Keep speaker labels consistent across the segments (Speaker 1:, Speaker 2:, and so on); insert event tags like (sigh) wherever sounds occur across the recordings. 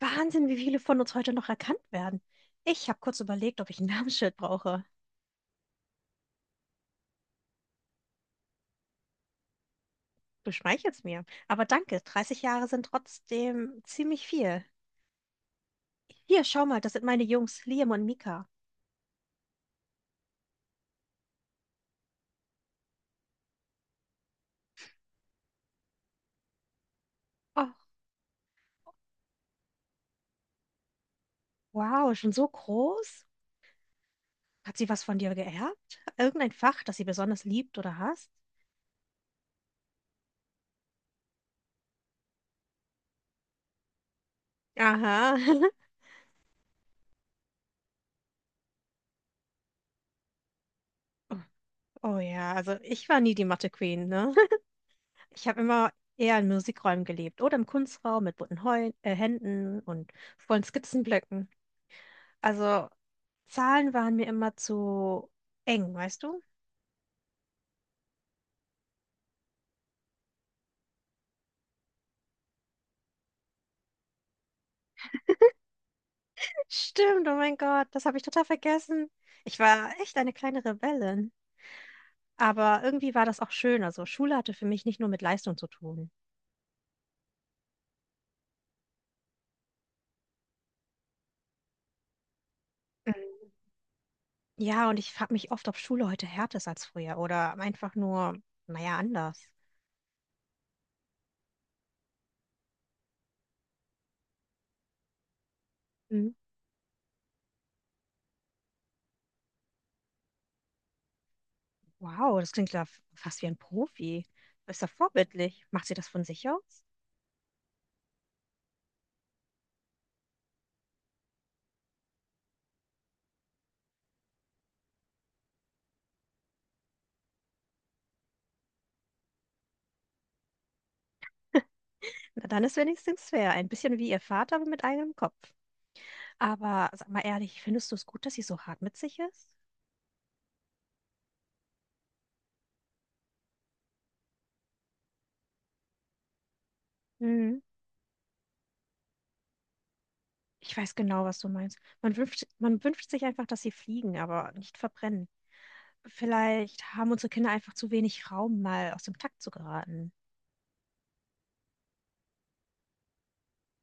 Speaker 1: Wahnsinn, wie viele von uns heute noch erkannt werden. Ich habe kurz überlegt, ob ich ein (laughs) Namensschild brauche. Du schmeichelst mir. Aber danke, 30 Jahre sind trotzdem ziemlich viel. Hier, schau mal, das sind meine Jungs, Liam und Mika. Oh, wow, schon so groß? Hat sie was von dir geerbt? Irgendein Fach, das sie besonders liebt oder hasst? Aha. (laughs) Oh ja, also ich war nie die Mathe-Queen, ne? (laughs) Ich habe immer eher in Musikräumen gelebt oder im Kunstraum mit bunten Heu Händen und vollen Skizzenblöcken. Also Zahlen waren mir immer zu eng, weißt du? Stimmt, oh mein Gott, das habe ich total vergessen. Ich war echt eine kleine Rebellin. Aber irgendwie war das auch schön. Also Schule hatte für mich nicht nur mit Leistung zu tun. Mhm. Ja, und ich frage mich oft, ob Schule heute härter ist als früher oder einfach nur, naja, anders. Mhm. Wow, das klingt ja fast wie ein Profi. Ist ja vorbildlich. Macht sie das von sich aus? Na, dann ist wenigstens fair. Ein bisschen wie ihr Vater, aber mit eigenem Kopf. Aber sag mal ehrlich, findest du es gut, dass sie so hart mit sich ist? Mhm. Ich weiß genau, was du meinst. Man wünscht sich einfach, dass sie fliegen, aber nicht verbrennen. Vielleicht haben unsere Kinder einfach zu wenig Raum, mal aus dem Takt zu geraten.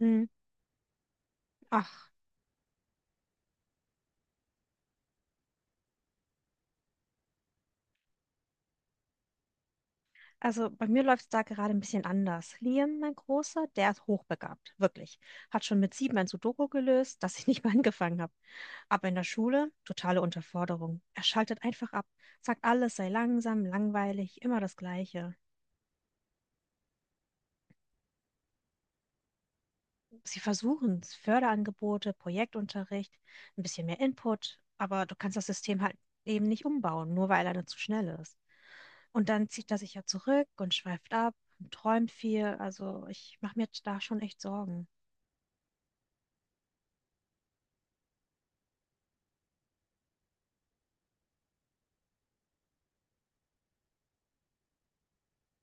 Speaker 1: Mhm. Ach, also bei mir läuft es da gerade ein bisschen anders. Liam, mein Großer, der ist hochbegabt, wirklich. Hat schon mit 7 ein Sudoku gelöst, das ich nicht (laughs) mal angefangen habe. Aber in der Schule, totale Unterforderung. Er schaltet einfach ab, sagt alles sei langsam, langweilig, immer das Gleiche. Sie versuchen es, Förderangebote, Projektunterricht, ein bisschen mehr Input, aber du kannst das System halt eben nicht umbauen, nur weil er dann zu schnell ist. Und dann zieht er sich ja zurück und schweift ab und träumt viel. Also ich mache mir da schon echt Sorgen.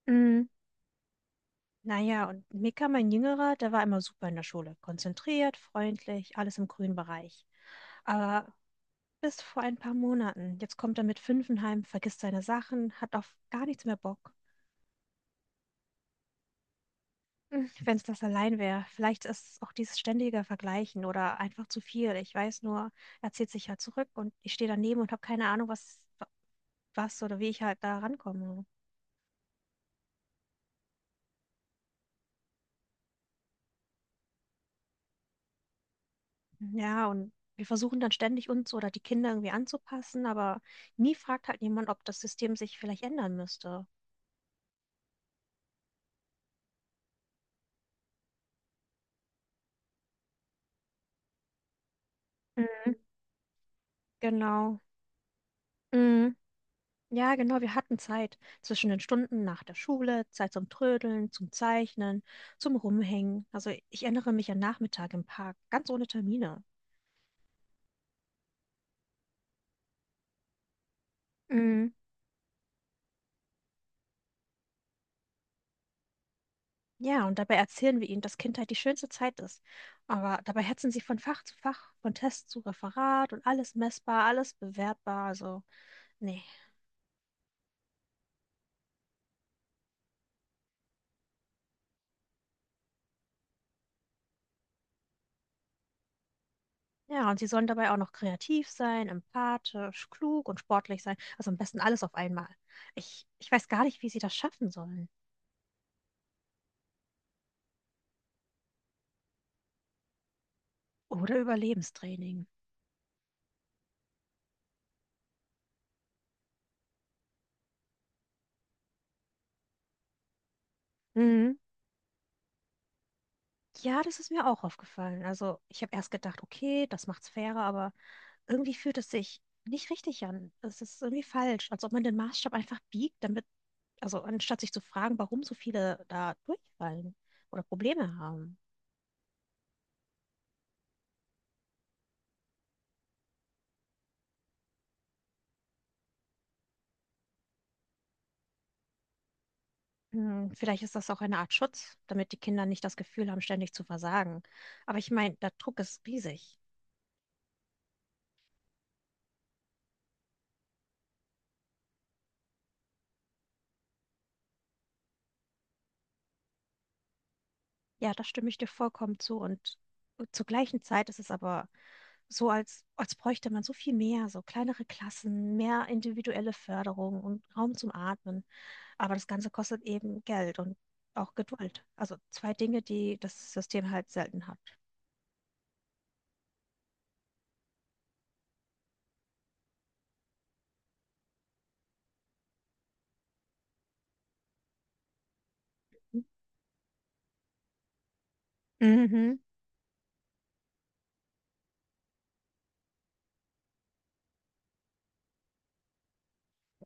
Speaker 1: Mhm. Naja, und Mika, mein Jüngerer, der war immer super in der Schule. Konzentriert, freundlich, alles im grünen Bereich. Aber bis vor ein paar Monaten, jetzt kommt er mit fünf heim, vergisst seine Sachen, hat auf gar nichts mehr Bock. Wenn es das allein wäre. Vielleicht ist es auch dieses ständige Vergleichen oder einfach zu viel. Ich weiß nur, er zieht sich halt zurück und ich stehe daneben und habe keine Ahnung, was oder wie ich halt da rankomme. Hm, ja, und wir versuchen dann ständig uns oder die Kinder irgendwie anzupassen, aber nie fragt halt jemand, ob das System sich vielleicht ändern müsste. Mhm. Genau. Mhm. Ja, genau, wir hatten Zeit zwischen den Stunden nach der Schule, Zeit zum Trödeln, zum Zeichnen, zum Rumhängen. Also ich erinnere mich an Nachmittag im Park, ganz ohne Termine. Mm, ja, und dabei erzählen wir ihnen, dass Kindheit die schönste Zeit ist. Aber dabei hetzen sie von Fach zu Fach, von Test zu Referat und alles messbar, alles bewertbar. Also, nee. Ja, und sie sollen dabei auch noch kreativ sein, empathisch, klug und sportlich sein. Also am besten alles auf einmal. Ich weiß gar nicht, wie sie das schaffen sollen. Oder Überlebenstraining. Mhm. Ja, das ist mir auch aufgefallen. Also ich habe erst gedacht, okay, das macht's fairer, aber irgendwie fühlt es sich nicht richtig an. Es ist irgendwie falsch, als ob man den Maßstab einfach biegt, damit, also anstatt sich zu fragen, warum so viele da durchfallen oder Probleme haben. Hm, vielleicht ist das auch eine Art Schutz, damit die Kinder nicht das Gefühl haben, ständig zu versagen. Aber ich meine, der Druck ist riesig. Ja, da stimme ich dir vollkommen zu. Und zur gleichen Zeit ist es aber so, als bräuchte man so viel mehr, so kleinere Klassen, mehr individuelle Förderung und Raum zum Atmen. Aber das Ganze kostet eben Geld und auch Geduld. Also zwei Dinge, die das System halt selten hat. Mhm.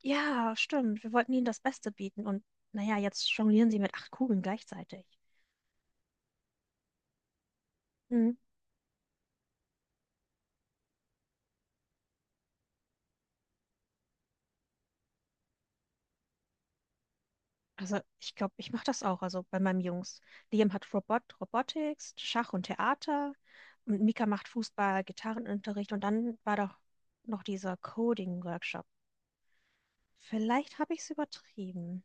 Speaker 1: Ja, stimmt. Wir wollten ihnen das Beste bieten. Und naja, jetzt jonglieren sie mit acht Kugeln gleichzeitig. Mhm. Also ich glaube, ich mache das auch. Also bei meinem Jungs. Liam hat Robotics, Schach und Theater. Und Mika macht Fußball, Gitarrenunterricht. Und dann war doch noch dieser Coding-Workshop. Vielleicht habe ich es übertrieben.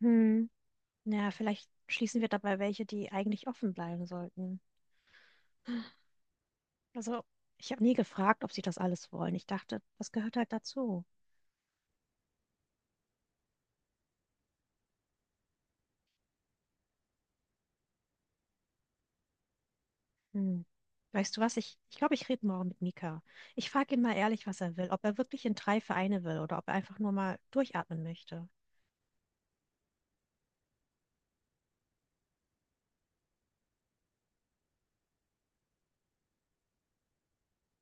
Speaker 1: Hm. Naja, vielleicht schließen wir dabei welche, die eigentlich offen bleiben sollten. Also ich habe nie gefragt, ob sie das alles wollen. Ich dachte, das gehört halt dazu. Hm. Weißt du was? Ich glaube, ich rede morgen mit Mika. Ich frage ihn mal ehrlich, was er will, ob er wirklich in drei Vereine will oder ob er einfach nur mal durchatmen möchte.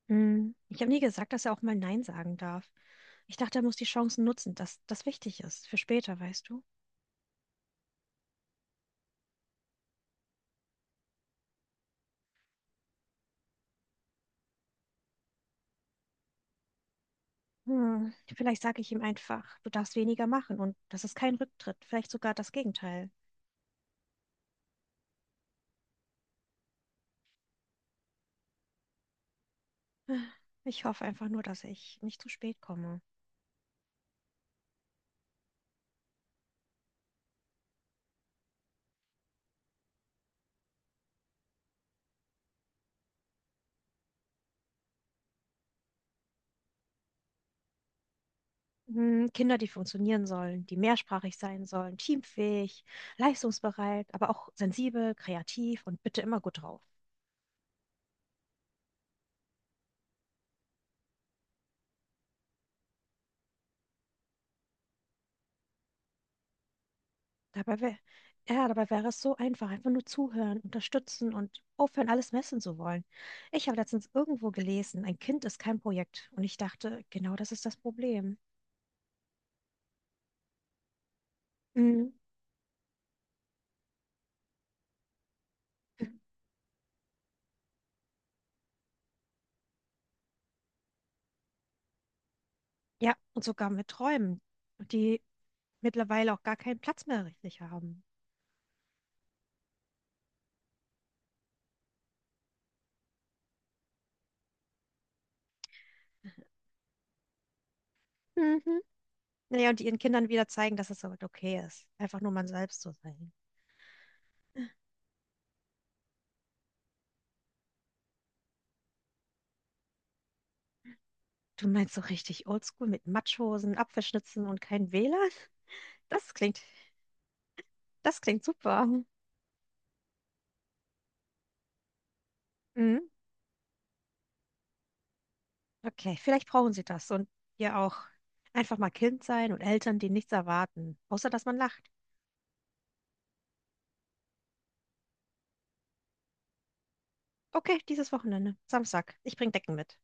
Speaker 1: Hm. Ich habe nie gesagt, dass er auch mal Nein sagen darf. Ich dachte, er muss die Chancen nutzen, dass das wichtig ist für später, weißt du? Hm. Vielleicht sage ich ihm einfach, du darfst weniger machen und das ist kein Rücktritt, vielleicht sogar das Gegenteil. Ich hoffe einfach nur, dass ich nicht zu spät komme. Mhm, Kinder, die funktionieren sollen, die mehrsprachig sein sollen, teamfähig, leistungsbereit, aber auch sensibel, kreativ und bitte immer gut drauf. Dabei wäre, ja, dabei wäre es so einfach, einfach nur zuhören, unterstützen und aufhören, alles messen zu wollen. Ich habe letztens irgendwo gelesen, ein Kind ist kein Projekt und ich dachte, genau das ist das Problem. Mhm. Ja, und sogar mit Träumen, die mittlerweile auch gar keinen Platz mehr richtig haben. Mhm. Naja, und die ihren Kindern wieder zeigen, dass es halt okay ist, einfach nur man selbst zu sein. Du meinst so richtig oldschool mit Matschhosen, Apfelschnitzen und kein WLAN? Das klingt, das klingt super. Mhm. Okay, vielleicht brauchen sie das und ihr auch. Einfach mal Kind sein und Eltern, die nichts erwarten, außer dass man lacht. Okay, dieses Wochenende, Samstag. Ich bringe Decken mit.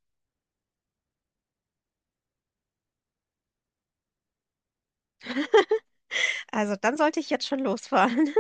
Speaker 1: Also dann sollte ich jetzt schon losfahren.